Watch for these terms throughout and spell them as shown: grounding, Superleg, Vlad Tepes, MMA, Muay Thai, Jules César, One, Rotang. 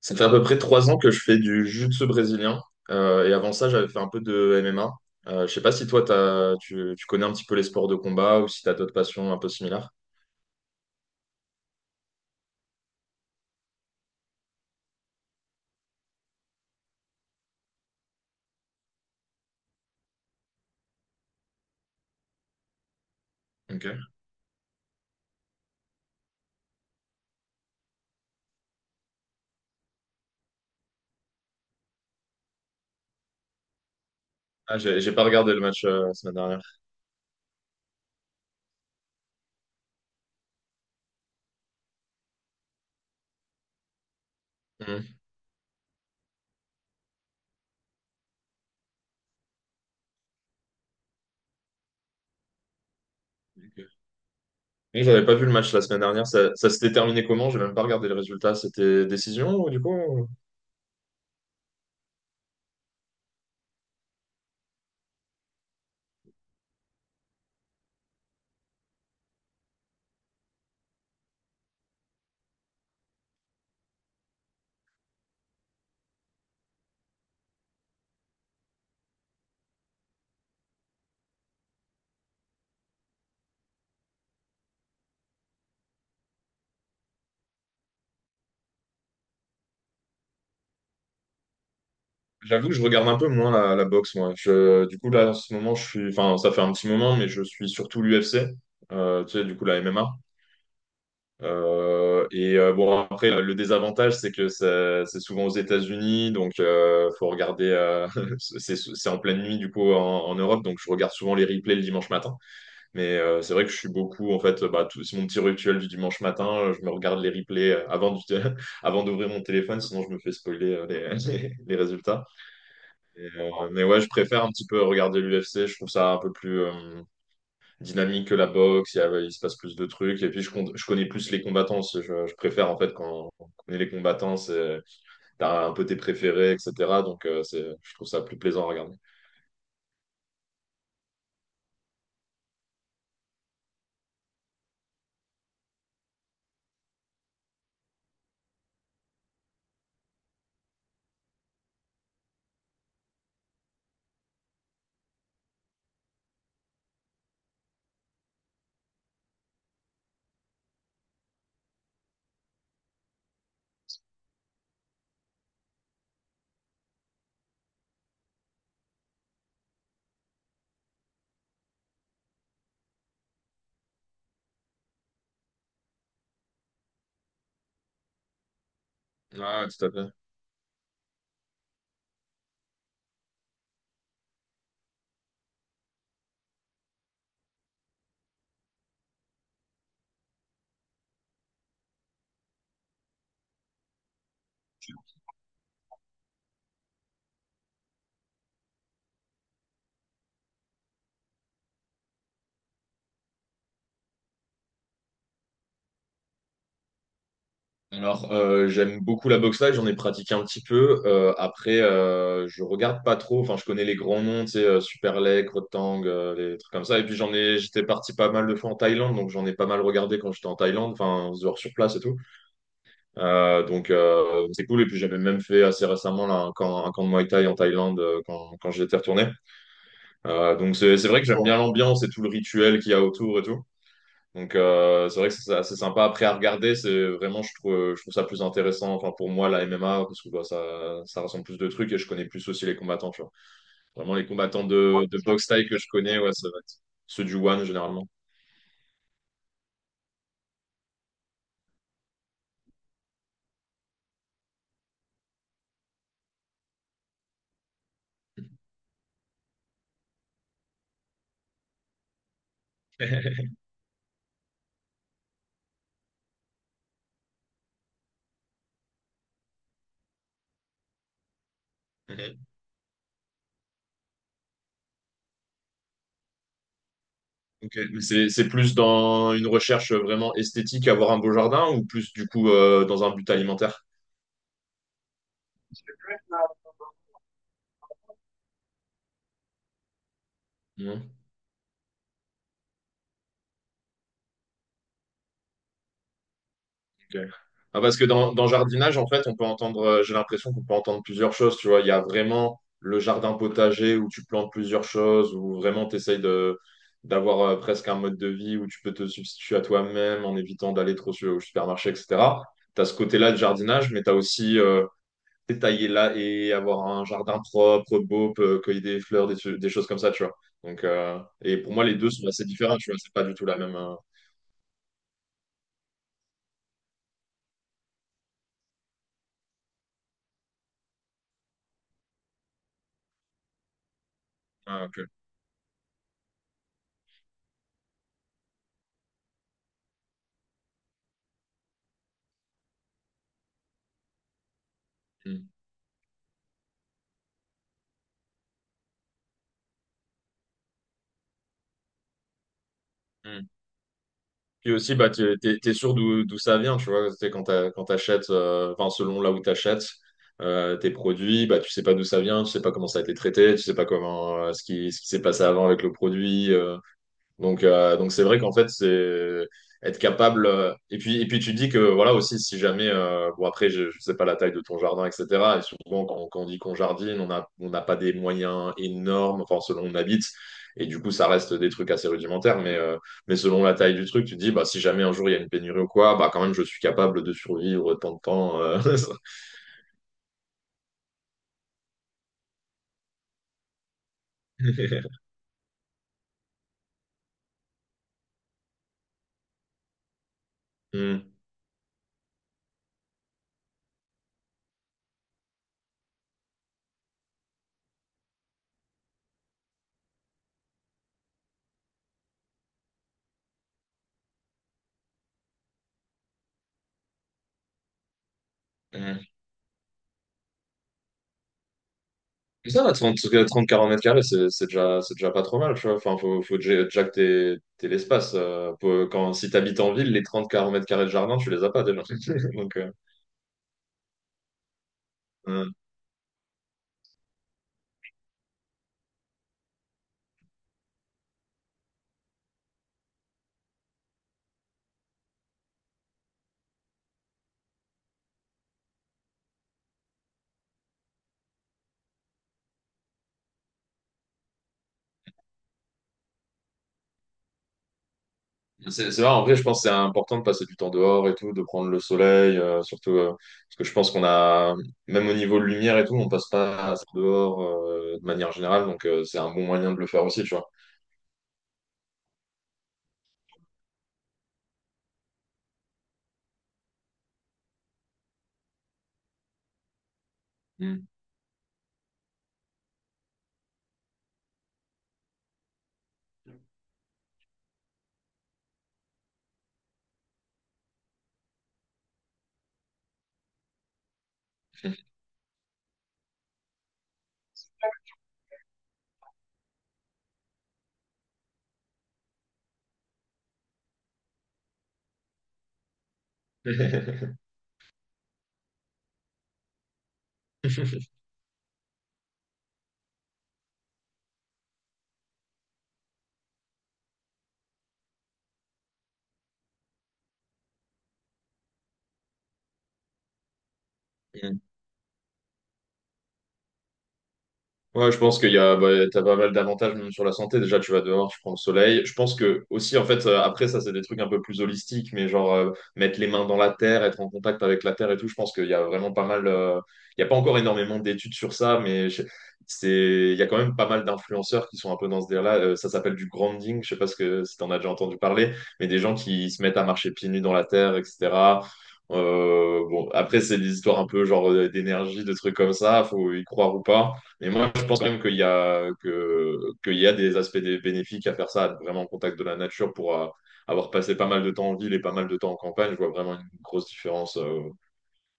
Ça fait à peu près 3 ans que je fais du jiu-jitsu brésilien. Et avant ça, j'avais fait un peu de MMA. Je sais pas si toi, tu connais un petit peu les sports de combat ou si tu as d'autres passions un peu similaires. Ok. Ah, j'ai pas regardé le match la semaine dernière. Mhm. Ok. Oui, j'avais pas vu le match la semaine dernière. Ça s'était terminé comment? J'ai même pas regardé le résultat. C'était décision, du coup? J'avoue que je regarde un peu moins la boxe, moi. Du coup, là, en ce moment, je suis... Enfin, ça fait un petit moment, mais je suis surtout l'UFC. Tu sais, du coup, la MMA. Et bon, après, le désavantage, c'est que c'est souvent aux États-Unis, donc faut regarder. C'est en pleine nuit, du coup, en Europe, donc je regarde souvent les replays le dimanche matin. Mais c'est vrai que je suis beaucoup, en fait, bah, c'est mon petit rituel du dimanche matin. Je me regarde les replays avant d'ouvrir mon téléphone, sinon je me fais spoiler les résultats. Mais ouais, je préfère un petit peu regarder l'UFC. Je trouve ça un peu plus. Dynamique que la boxe, il se passe plus de trucs. Et puis, je connais plus les combattants aussi. Je préfère, en fait, quand on connaît les combattants, t'as un peu tes préférés, etc. Donc, je trouve ça plus plaisant à regarder. Ouais, tout à fait. Alors, j'aime beaucoup la boxe live, j'en ai pratiqué un petit peu. Après, je regarde pas trop. Enfin, je connais les grands noms, tu sais, Superleg, Rotang, les trucs comme ça. Et puis, j'étais parti pas mal de fois en Thaïlande, donc j'en ai pas mal regardé quand j'étais en Thaïlande, enfin, genre sur place et tout. Donc, c'est cool. Et puis, j'avais même fait assez récemment là, un camp de Muay Thai en Thaïlande quand j'étais retourné. Donc, c'est vrai que j'aime bien l'ambiance et tout le rituel qu'il y a autour et tout. Donc c'est vrai que c'est assez sympa. Après à regarder, c'est vraiment je trouve ça plus intéressant. Enfin pour moi la MMA parce que bah, ça ressemble plus de trucs et je connais plus aussi les combattants. Tu vois. Vraiment les combattants de boxe thaï que je connais, ouais, ça va être ceux du One généralement. Mhm. Ok. Mais c'est plus dans une recherche vraiment esthétique, avoir un beau jardin ou plus du coup dans un but alimentaire? Ok. Ah, parce que dans jardinage, en fait, on peut entendre, j'ai l'impression qu'on peut entendre plusieurs choses, tu vois. Il y a vraiment le jardin potager où tu plantes plusieurs choses, où vraiment tu essayes d'avoir presque un mode de vie où tu peux te substituer à toi-même en évitant d'aller trop au supermarché, etc. Tu as ce côté-là de jardinage, mais tu as aussi détailler là et avoir un jardin propre, beau, cueillir des fleurs, des choses comme ça, tu vois. Donc, et pour moi, les deux sont assez différents, tu vois. C'est pas du tout la même. Ah, ok. Hmm. Hmm. Puis aussi, bah, t'es sûr d'où ça vient, tu vois. C'est quand t'achètes, enfin, selon là où t'achètes tes produits, bah, tu sais pas d'où ça vient, tu sais pas comment ça a été traité, tu sais pas comment, ce qui s'est passé avant avec le produit. Donc, donc c'est vrai qu'en fait, c'est être capable. Et puis, tu dis que voilà aussi, si jamais, bon après, je sais pas la taille de ton jardin, etc. Et souvent, quand on dit qu'on jardine, on n'a pas des moyens énormes, enfin selon où on habite. Et du coup, ça reste des trucs assez rudimentaires. Mais selon la taille du truc, tu dis, bah si jamais un jour il y a une pénurie ou quoi, bah quand même, je suis capable de survivre tant de temps. Hmm. Mais ça va, 30 mètres carrés, c'est déjà, c'est déjà pas trop mal, tu vois. Enfin, faut déjà que t'aies l'espace. Si t'habites en ville, les 30 40 mètres carrés de jardin, tu les as pas déjà. Donc, euh, c'est vrai, en vrai, je pense que c'est important de passer du temps dehors et tout, de prendre le soleil, surtout parce que je pense qu'on a, même au niveau de lumière et tout, on passe pas assez dehors de manière générale, donc c'est un bon moyen de le faire aussi, tu vois. Mm. Mm. Ouais, je pense qu'il y a, bah, t'as pas mal d'avantages même sur la santé. Déjà, tu vas dehors, tu prends le soleil. Je pense que aussi, en fait, après, ça, c'est des trucs un peu plus holistiques, mais genre mettre les mains dans la terre, être en contact avec la terre et tout. Je pense qu'il y a vraiment pas mal. Il y a pas encore énormément d'études sur ça, mais il y a quand même pas mal d'influenceurs qui sont un peu dans ce délire-là. Ça s'appelle du grounding. Je sais pas si t'en as déjà entendu parler, mais des gens qui se mettent à marcher pieds nus dans la terre, etc. Bon, après, c'est des histoires un peu genre d'énergie, de trucs comme ça. Faut y croire ou pas. Mais moi, je pense quand même qu'il y a des aspects bénéfiques à faire ça, à être vraiment en contact de la nature pour avoir passé pas mal de temps en ville et pas mal de temps en campagne. Je vois vraiment une grosse différence euh,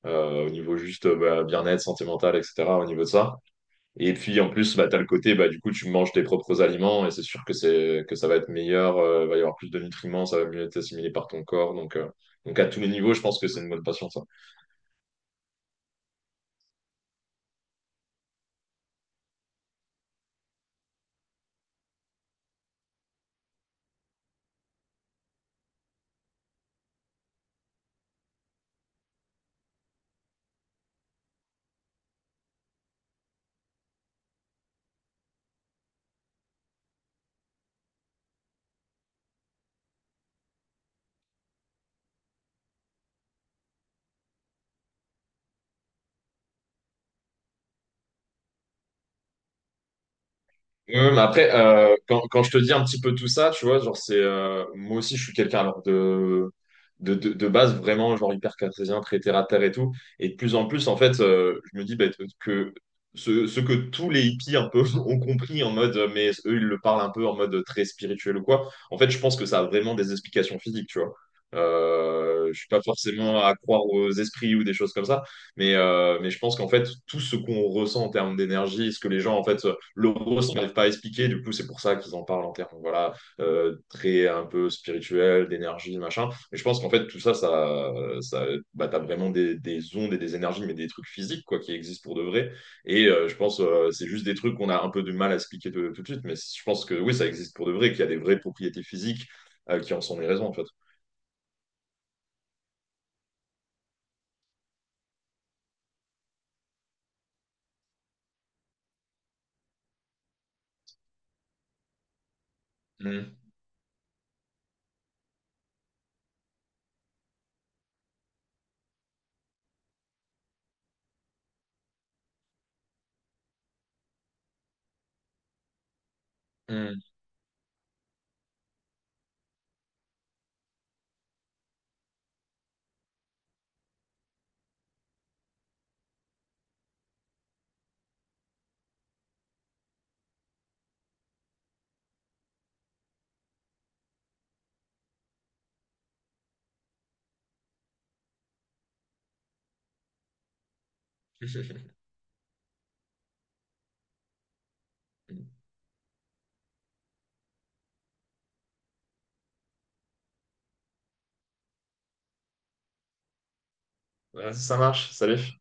euh, au niveau juste bah, bien-être sentimental, etc., au niveau de ça. Et puis, en plus, bah, tu as le côté, bah, du coup, tu manges tes propres aliments et c'est sûr que, que ça va être meilleur, il va y avoir plus de nutriments, ça va mieux être assimilé par ton corps. Donc à tous les niveaux, je pense que c'est une bonne passion, ça. Ouais, ouais, mais après, quand je te dis un petit peu tout ça, tu vois, genre, moi aussi, je suis quelqu'un, alors, de base, vraiment, genre, hyper cartésien, très terre à terre et tout. Et de plus en plus, en fait, je me dis bah, que ce que tous les hippies, un peu, ont compris en mode, mais eux, ils le parlent un peu en mode très spirituel ou quoi. En fait, je pense que ça a vraiment des explications physiques, tu vois. Je suis pas forcément à croire aux esprits ou des choses comme ça, mais je pense qu'en fait, tout ce qu'on ressent en termes d'énergie, ce que les gens, en fait, l'euro, ça n'arrive pas à expliquer. Du coup, c'est pour ça qu'ils en parlent en termes voilà, très un peu spirituel, d'énergie, machin. Mais je pense qu'en fait, tout ça bah, t'as vraiment ondes et des énergies, mais des trucs physiques quoi, qui existent pour de vrai. Et je pense c'est juste des trucs qu'on a un peu du mal à expliquer tout de suite. Mais je pense que oui, ça existe pour de vrai, qu'il y a des vraies propriétés physiques qui en sont les raisons, en fait. Mm, mm. Ouais, ça marche. Salut.